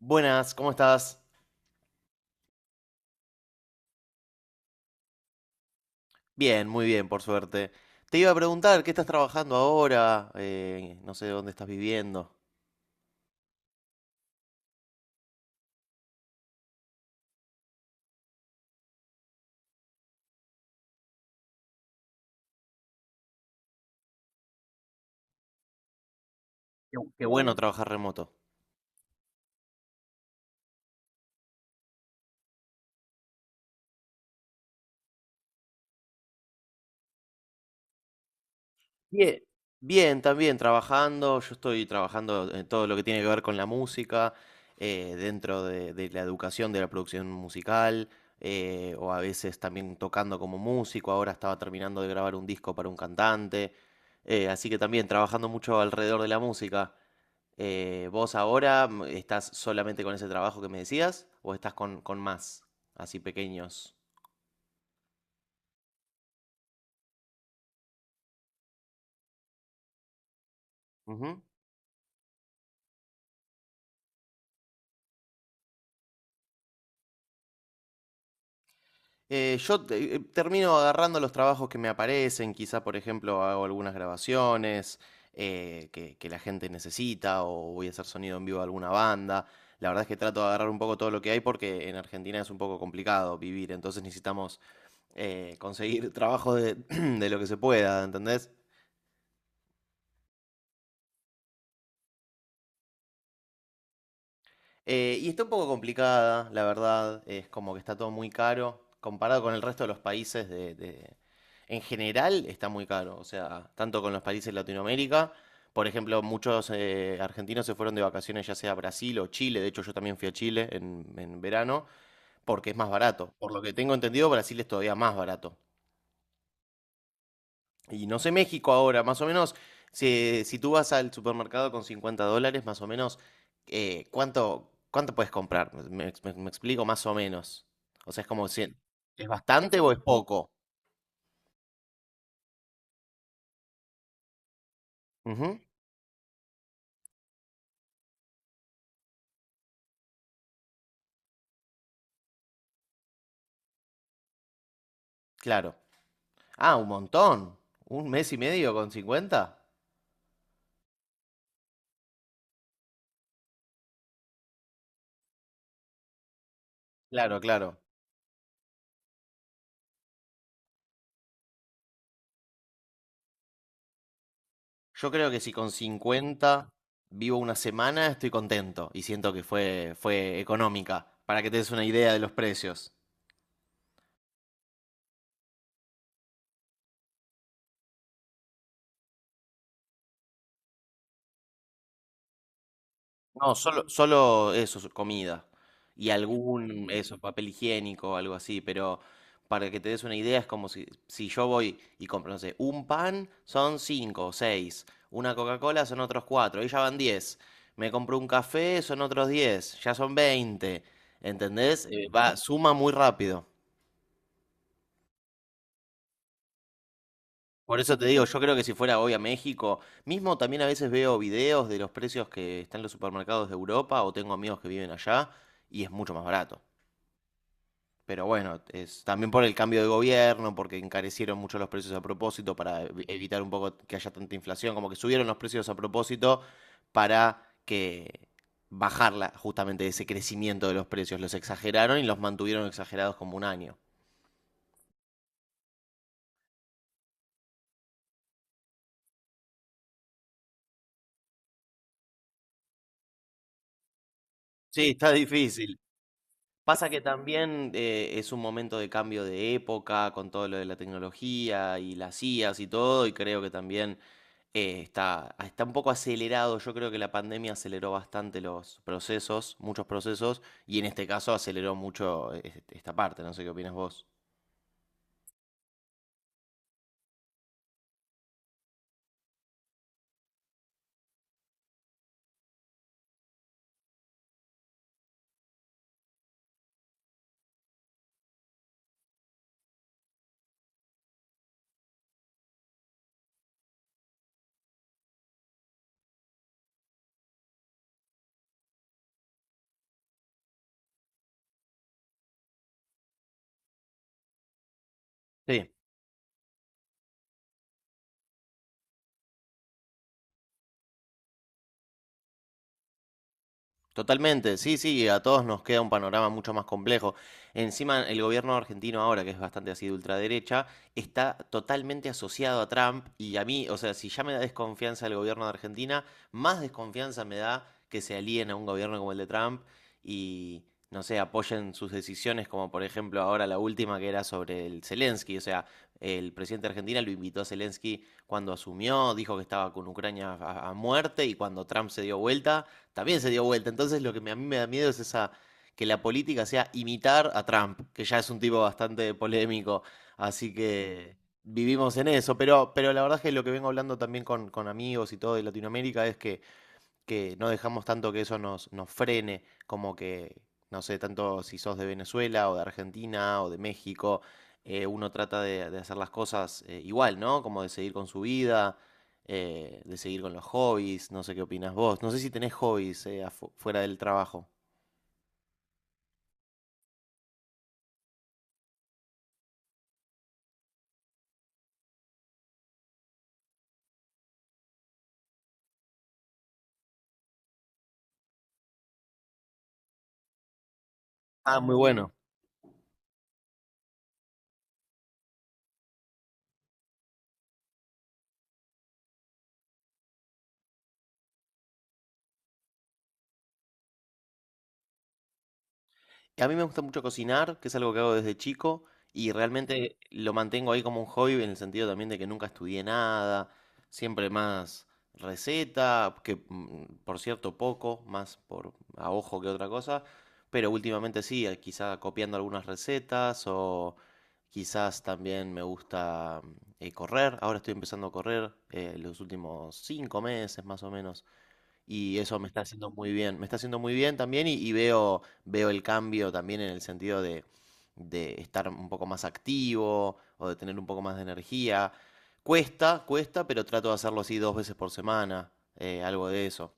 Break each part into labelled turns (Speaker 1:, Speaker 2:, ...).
Speaker 1: Buenas, ¿cómo estás? Bien, muy bien, por suerte. Te iba a preguntar, ¿qué estás trabajando ahora? No sé dónde estás viviendo. Qué bueno trabajar remoto. Bien. Bien, también trabajando. Yo estoy trabajando en todo lo que tiene que ver con la música, dentro de la educación, de la producción musical, o a veces también tocando como músico. Ahora estaba terminando de grabar un disco para un cantante. Así que también trabajando mucho alrededor de la música. ¿Vos ahora estás solamente con ese trabajo que me decías o estás con más, así pequeños? Ujú. Termino agarrando los trabajos que me aparecen, quizá por ejemplo hago algunas grabaciones que la gente necesita o voy a hacer sonido en vivo a alguna banda. La verdad es que trato de agarrar un poco todo lo que hay porque en Argentina es un poco complicado vivir, entonces necesitamos conseguir trabajo de, de lo que se pueda, ¿entendés? Y está un poco complicada, la verdad. Es como que está todo muy caro. Comparado con el resto de los países En general está muy caro. O sea, tanto con los países de Latinoamérica. Por ejemplo, muchos argentinos se fueron de vacaciones ya sea a Brasil o Chile. De hecho, yo también fui a Chile en verano porque es más barato. Por lo que tengo entendido, Brasil es todavía más barato. Y no sé México ahora, más o menos, si tú vas al supermercado con 50 dólares, más o menos, ¿cuánto puedes comprar? Me explico más o menos. O sea, es como si, ¿es bastante o es poco? Ujú, claro. Ah, un montón. ¿Un mes y medio con 50? Claro, claro. Yo creo que si con 50 vivo una semana, estoy contento y siento que fue económica, para que te des una idea de los precios. No, solo eso, comida. Y algún, eso, papel higiénico, algo así. Pero para que te des una idea, es como si yo voy y compro, no sé, un pan son cinco o seis. Una Coca-Cola son otros cuatro. Ahí ya van 10. Me compro un café, son otros 10. Ya son 20. ¿Entendés? Va, suma muy rápido. Por eso te digo, yo creo que si fuera hoy a México, mismo también a veces veo videos de los precios que están en los supermercados de Europa o tengo amigos que viven allá y es mucho más barato. Pero bueno, es también por el cambio de gobierno, porque encarecieron mucho los precios a propósito para evitar un poco que haya tanta inflación, como que subieron los precios a propósito para que bajarla justamente ese crecimiento de los precios. Los exageraron y los mantuvieron exagerados como un año. Sí, está difícil. Pasa que también es un momento de cambio de época con todo lo de la tecnología y las IAs y todo, y creo que también está un poco acelerado. Yo creo que la pandemia aceleró bastante los procesos, muchos procesos, y en este caso aceleró mucho esta parte. No sé qué opinas vos. Sí. Totalmente, sí, sí, a todos nos queda un panorama mucho más complejo. Encima, el gobierno argentino ahora, que es bastante así de ultraderecha, está totalmente asociado a Trump y a mí, o sea, si ya me da desconfianza el gobierno de Argentina, más desconfianza me da que se alíen a un gobierno como el de Trump y, no sé, apoyen sus decisiones, como por ejemplo ahora la última que era sobre el Zelensky, o sea, el presidente de Argentina lo invitó a Zelensky cuando asumió, dijo que estaba con Ucrania a muerte y cuando Trump se dio vuelta también se dio vuelta. Entonces lo a mí me da miedo es esa que la política sea imitar a Trump, que ya es un tipo bastante polémico. Así que vivimos en eso. Pero la verdad es que lo que vengo hablando también con amigos y todo de Latinoamérica es que no dejamos tanto que eso nos frene, como que, no sé, tanto si sos de Venezuela o de Argentina o de México, uno trata de hacer las cosas igual, ¿no? Como de seguir con su vida, de seguir con los hobbies, no sé qué opinas vos, no sé si tenés hobbies fuera del trabajo. Ah, muy bueno. A mí me gusta mucho cocinar, que es algo que hago desde chico, y realmente lo mantengo ahí como un hobby en el sentido también de que nunca estudié nada, siempre más receta, que por cierto poco, más por a ojo que otra cosa, pero últimamente sí, quizá copiando algunas recetas o quizás también me gusta correr, ahora estoy empezando a correr los últimos 5 meses más o menos. Y eso me está haciendo muy bien, me está haciendo muy bien también y veo el cambio también en el sentido de estar un poco más activo o de tener un poco más de energía. Cuesta, cuesta, pero trato de hacerlo así dos veces por semana, algo de eso.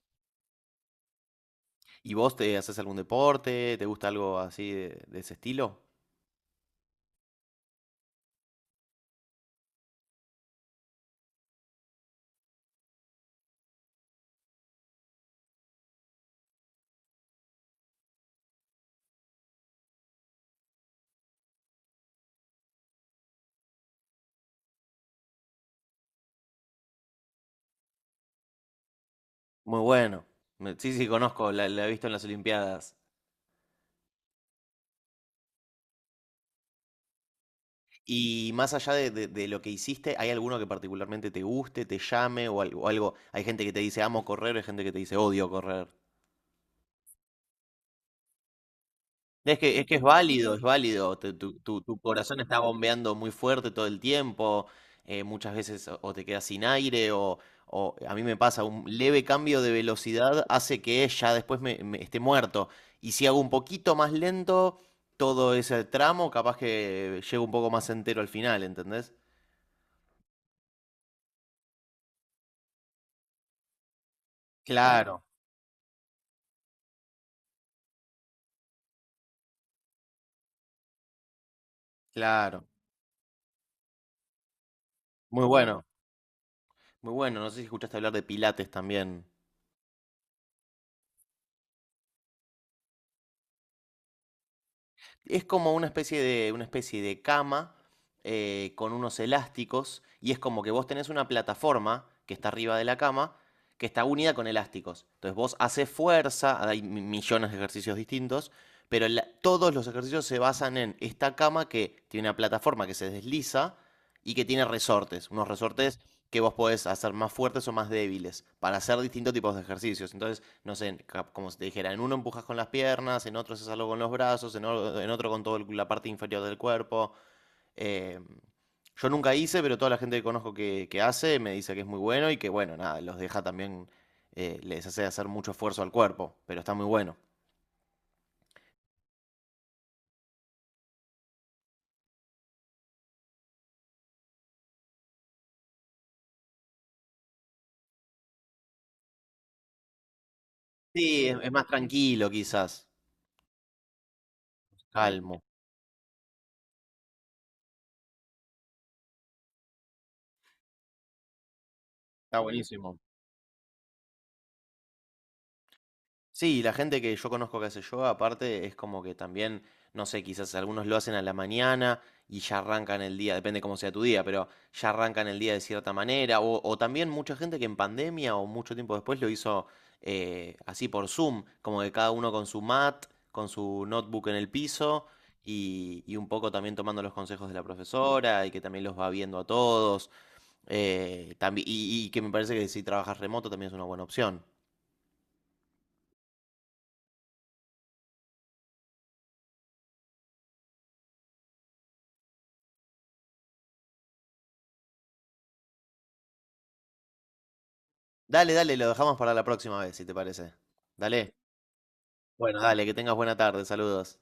Speaker 1: ¿Y vos te haces algún deporte? ¿Te gusta algo así de ese estilo? Muy bueno. Sí, sí, conozco, la he visto en las Olimpiadas. Y más allá de lo que hiciste, ¿hay alguno que particularmente te guste, te llame o algo? Hay gente que te dice amo correr, hay gente que te dice odio correr. Es que es válido, es válido. Tu corazón está bombeando muy fuerte todo el tiempo. Muchas veces o te quedas sin aire o a mí me pasa, un leve cambio de velocidad hace que ya después me esté muerto. Y si hago un poquito más lento todo ese tramo, capaz que llego un poco más entero al final, ¿entendés? Claro, claro. Muy bueno, muy bueno. No sé si escuchaste hablar de Pilates también. Es como una especie de cama con unos elásticos y es como que vos tenés una plataforma que está arriba de la cama que está unida con elásticos. Entonces vos haces fuerza, hay millones de ejercicios distintos, pero todos los ejercicios se basan en esta cama que tiene una plataforma que se desliza y que tiene resortes, unos resortes que vos podés hacer más fuertes o más débiles para hacer distintos tipos de ejercicios. Entonces no sé, como si te dijera, en uno empujas con las piernas, en otro haces algo con los brazos, en otro con toda la parte inferior del cuerpo. eh, yo nunca hice, pero toda la gente que conozco que hace me dice que es muy bueno y que, bueno, nada, los deja también, les hace hacer mucho esfuerzo al cuerpo, pero está muy bueno. Sí, es más tranquilo quizás, calmo. Está buenísimo. Sí, la gente que yo conozco que hace yoga, aparte, es como que también, no sé, quizás algunos lo hacen a la mañana y ya arrancan el día, depende cómo sea tu día, pero ya arrancan el día de cierta manera. O también mucha gente que en pandemia o mucho tiempo después lo hizo así por Zoom, como que cada uno con su mat, con su notebook en el piso y un poco también tomando los consejos de la profesora y que también los va viendo a todos. Y que me parece que si trabajas remoto también es una buena opción. Dale, dale, lo dejamos para la próxima vez, si te parece. Dale. Bueno, dale, que tengas buena tarde, saludos.